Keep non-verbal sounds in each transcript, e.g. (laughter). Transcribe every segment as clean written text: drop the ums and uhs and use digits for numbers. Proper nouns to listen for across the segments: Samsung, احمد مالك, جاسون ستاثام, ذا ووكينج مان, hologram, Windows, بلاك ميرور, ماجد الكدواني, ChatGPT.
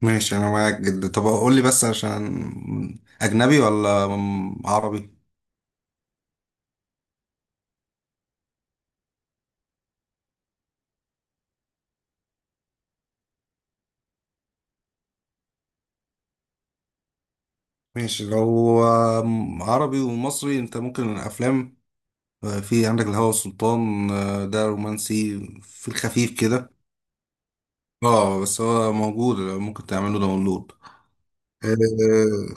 ماشي انا معاك جدا. طب قول لي بس عشان اجنبي ولا عربي. ماشي، لو عربي ومصري انت ممكن الافلام. في عندك الهوى والسلطان. ده رومانسي في الخفيف كده. اه بس هو موجود ممكن تعمله داونلود. آه،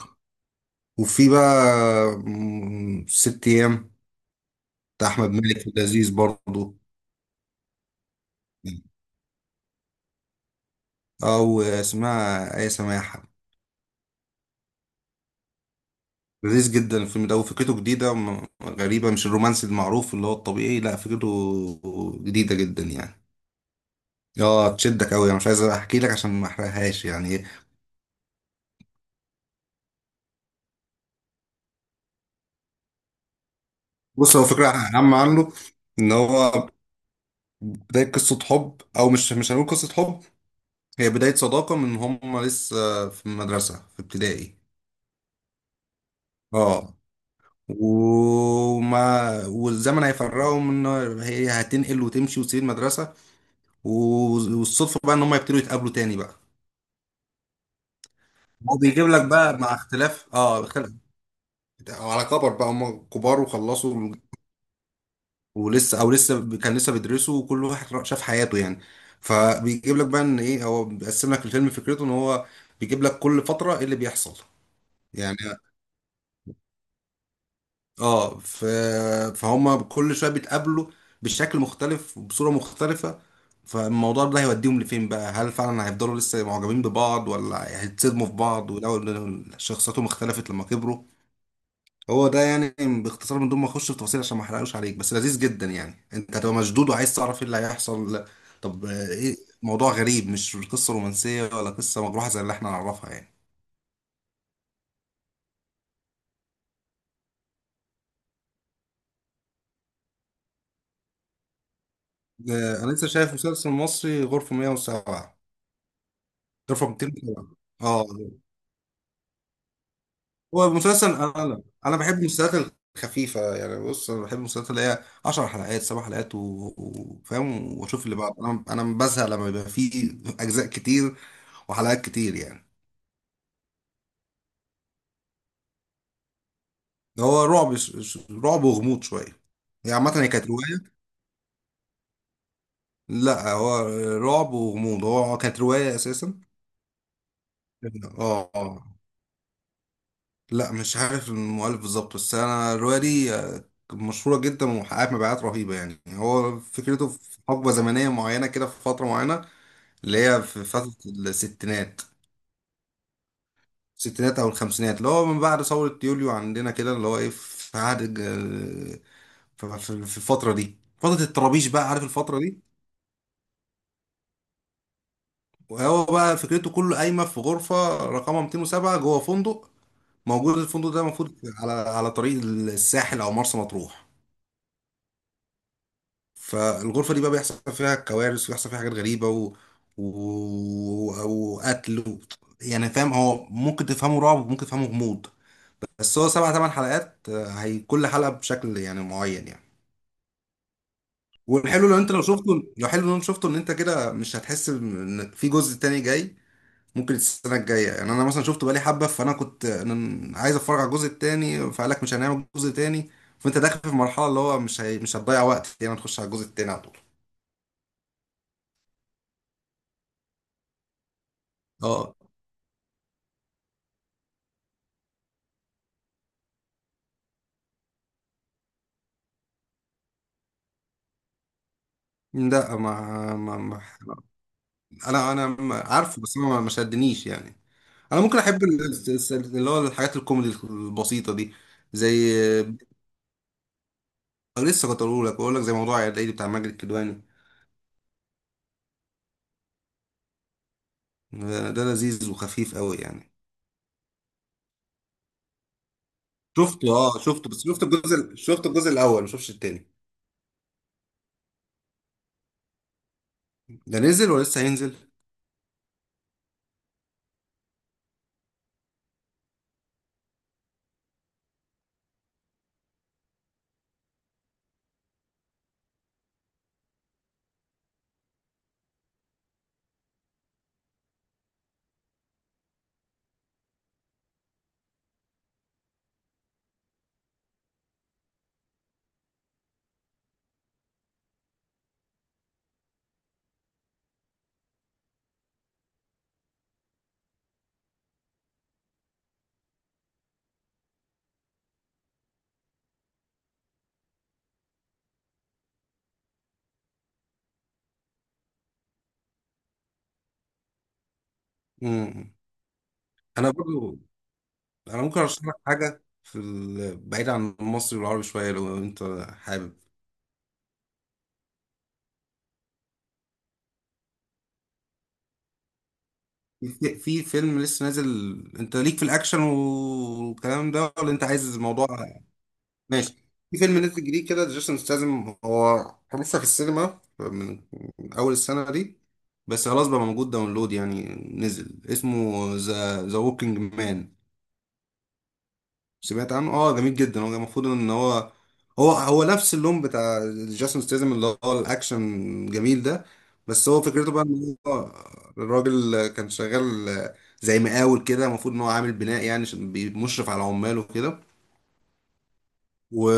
وفي بقى ست ايام. بتاع احمد مالك، لذيذ برضه. او اسمها ايه، سماحة. لذيذ جدا الفيلم ده، وفكرته جديدة غريبة، مش الرومانسي المعروف اللي هو الطبيعي. لا، فكرته جديدة جدا يعني. اه تشدك قوي. انا مش عايز احكي لك عشان ما احرقهاش يعني. بص، هو فكرة عامة عنه ان هو بداية قصة حب، او مش هنقول قصة حب، هي بداية صداقة من هم لسه في المدرسة في ابتدائي. اه والزمن هيفرقهم، ان هي هتنقل وتمشي وتسيب المدرسة. والصدفة بقى ان هم يبتدوا يتقابلوا تاني بقى. هو بيجيب لك بقى مع اختلاف، اه اختلاف على كبر بقى، هم كبار وخلصوا ولسه، او لسه كان لسه بيدرسوا، وكل واحد شاف حياته يعني. فبيجيب لك بقى ان ايه، هو بيقسم لك الفيلم، فكرته ان هو بيجيب لك كل فترة ايه اللي بيحصل. يعني اه فهم كل شوية بيتقابلوا بشكل مختلف وبصورة مختلفة. فالموضوع ده هيوديهم لفين بقى؟ هل فعلا هيفضلوا لسه معجبين ببعض، ولا هيتصدموا في بعض، ولو إن شخصياتهم اختلفت لما كبروا. هو ده يعني، باختصار، من دون ما اخش في تفاصيل عشان ما احرقوش عليك. بس لذيذ جدا يعني، انت هتبقى مشدود وعايز تعرف ايه اللي هيحصل. لا. طب ايه، موضوع غريب، مش قصة رومانسية ولا قصة مجروحة زي اللي احنا نعرفها يعني. انا لسه شايف مسلسل مصري، غرفة 107. غرفة 207. اه هو مسلسل، انا بحب المسلسلات الخفيفة يعني. بص، انا بحب المسلسلات اللي هي 10 حلقات، 7 حلقات، وفاهم واشوف اللي بعد. انا بزهق لما بيبقى فيه اجزاء كتير وحلقات كتير يعني. هو رعب، رعب وغموض شوية. عامة هي كانت رواية. لا، هو رعب وغموض. هو كانت رواية أساسا. اه لا مش عارف المؤلف بالظبط، بس أنا الرواية دي مشهورة جدا وحققت مبيعات رهيبة يعني. هو فكرته في حقبة زمنية معينة كده، في فترة معينة، اللي هي في فترة الستينات. الستينات أو الخمسينات، اللي هو من بعد ثورة يوليو عندنا كده، اللي هو إيه، في عهد في الفترة دي، فترة الطرابيش، بقى عارف الفترة دي. وهو بقى فكرته كله قايمه في غرفه رقمها 207 جوه فندق. موجود الفندق ده المفروض على على طريق الساحل او مرسى مطروح. فالغرفه دي بقى بيحصل فيها كوارث وبيحصل فيها حاجات غريبه وقتل يعني فاهم، هو ممكن تفهمه رعب وممكن تفهمه غموض. بس هو سبع ثمان حلقات. هي كل حلقه بشكل يعني معين يعني. والحلو لو انت لو شفته، لو حلو لو انت شفته، ان انت كده مش هتحس ان في جزء تاني جاي ممكن السنه الجايه يعني. انا مثلا شفته بقالي حبه، فانا كنت أنا عايز اتفرج على الجزء التاني، فقال لك مش هنعمل الجزء التاني. فانت داخل في المرحله اللي هو مش هتضيع وقت يعني، تخش على الجزء التاني على طول. اه لا ما... ما... ما انا انا عارفه، بس ما شدنيش يعني. انا ممكن احب اللي هو الحاجات الكوميدي البسيطه دي. زي، لسه كنت اقول لك، بقول لك زي موضوع العيد بتاع ماجد الكدواني. ده لذيذ وخفيف قوي يعني. شفته، اه شفته، بس شفت الجزء الاول، ما شفتش التاني. ده نزل ولسه هينزل. مم. انا برضو انا ممكن ارشح لك حاجه في بعيد عن المصري والعربي شويه، لو انت حابب. في في فيلم لسه نازل. انت ليك في الاكشن والكلام ده، ولا انت عايز الموضوع؟ ماشي. في فيلم نازل جديد كده، جيسون ستاثام. هو لسه في السينما من اول السنه دي، بس خلاص بقى موجود داونلود يعني. نزل، اسمه ذا ووكينج مان. سمعت عنه؟ اه جميل جدا. هو المفروض ان هو هو نفس اللون بتاع جاسون ستيزم، اللي هو الاكشن جميل ده. بس هو فكرته بقى ان هو الراجل كان شغال زي مقاول كده. المفروض ان هو عامل بناء يعني، عشان مشرف على عماله كده. و...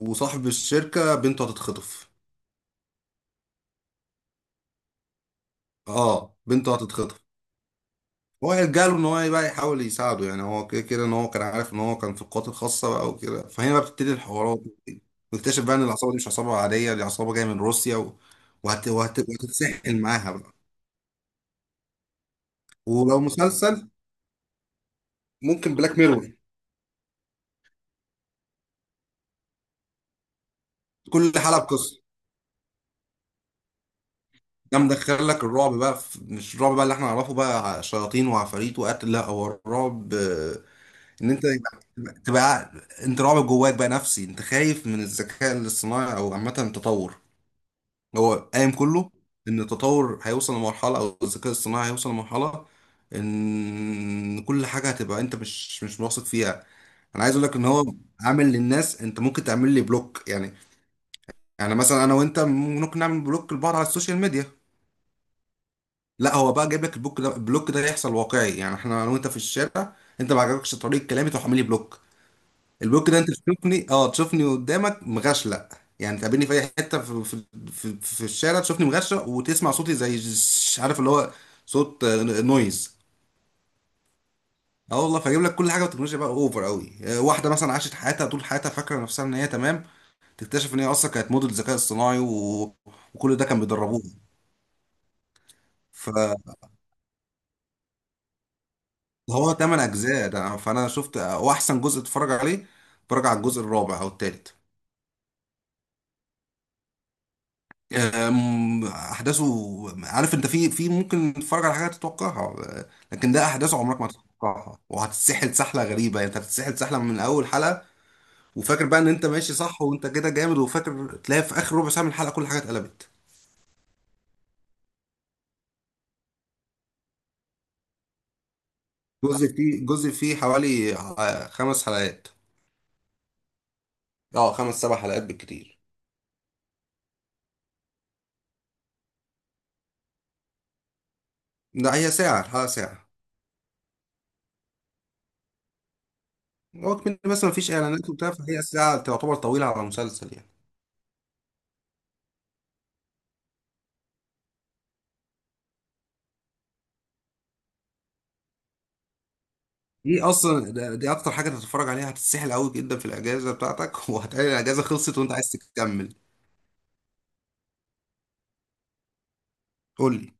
وصاحب الشركة بنته هتتخطف. اه بنته هتتخطف. هو جاله ان هو بقى يحاول يساعده يعني، هو كده كده ان هو كان عارف ان هو كان في القوات الخاصه بقى وكده. فهنا بقى بتبتدي الحوارات، ويكتشف بقى ان العصابه دي مش عصابه عاديه، دي عصابه جايه من روسيا وهتتسحل معاها بقى. ولو مسلسل، ممكن بلاك ميرور. كل حلقه بقصه. ده مدخل لك الرعب بقى مش الرعب بقى اللي احنا نعرفه بقى، شياطين وعفاريت وقتل. لا، هو الرعب ان انت تبقى انت رعب جواك بقى، نفسي. انت خايف من الذكاء الاصطناعي، او عامه التطور. هو قايم كله ان التطور هيوصل لمرحله، او الذكاء الصناعي هيوصل لمرحله ان كل حاجه هتبقى انت مش واثق فيها. انا عايز اقول لك ان هو عامل للناس، انت ممكن تعمل لي بلوك يعني. يعني مثلا انا وانت ممكن نعمل بلوك لبعض على السوشيال ميديا. لا، هو بقى جايب لك البلوك ده، البلوك ده هيحصل واقعي يعني. احنا انا وانت في الشارع، انت ما عجبكش طريقه كلامي، تروح عامل لي بلوك. البوك ده انت تشوفني، اه تشوفني قدامك مغشلق يعني. تقابلني في اي حته، في الشارع، تشوفني مغشلق وتسمع صوتي زي عارف اللي هو صوت نويز. اه والله. فاجيب لك كل حاجه بالتكنولوجيا بقى، اوفر قوي. واحده مثلا عاشت حياتها طول حياتها فاكره نفسها ان هي تمام، تكتشف ان هي اصلا كانت موديل ذكاء اصطناعي، وكل ده كان بيدربوه. فهو تمن اجزاء ده، فانا شفت واحسن جزء اتفرج عليه، اتفرج على الجزء الرابع او الثالث. احداثه، عارف انت في في ممكن تتفرج على حاجه تتوقعها. أه، لكن ده احداثه عمرك ما تتوقعها، وهتتسحل سحله غريبه يعني. انت هتتسحل سحله من اول حلقه، وفاكر بقى ان انت ماشي صح، وانت كده جامد، وفاكر تلاقي في اخر ربع ساعه من الحلقه كل حاجه اتقلبت. جزء فيه حوالي خمس حلقات. اه خمس سبع حلقات بالكتير. لا، هي ساعه، الحلقه ساعه. هو كمان بس ما فيش اعلانات وبتاع، فهي ساعه تعتبر طويله على مسلسل يعني. دي اصلا دي اكتر حاجه تتفرج عليها، هتتسحل قوي جدا في الاجازه بتاعتك (laughs) وهتلاقي الاجازه خلصت وانت عايز تكمل. قول لي.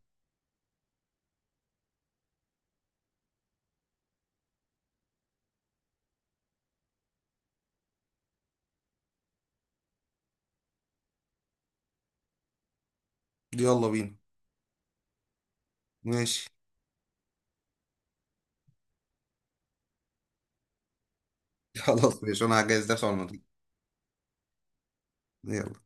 يلا بينا. ماشي. (laughs) خلاص ماشي، انا هجهز نفسي على المضي. يلا.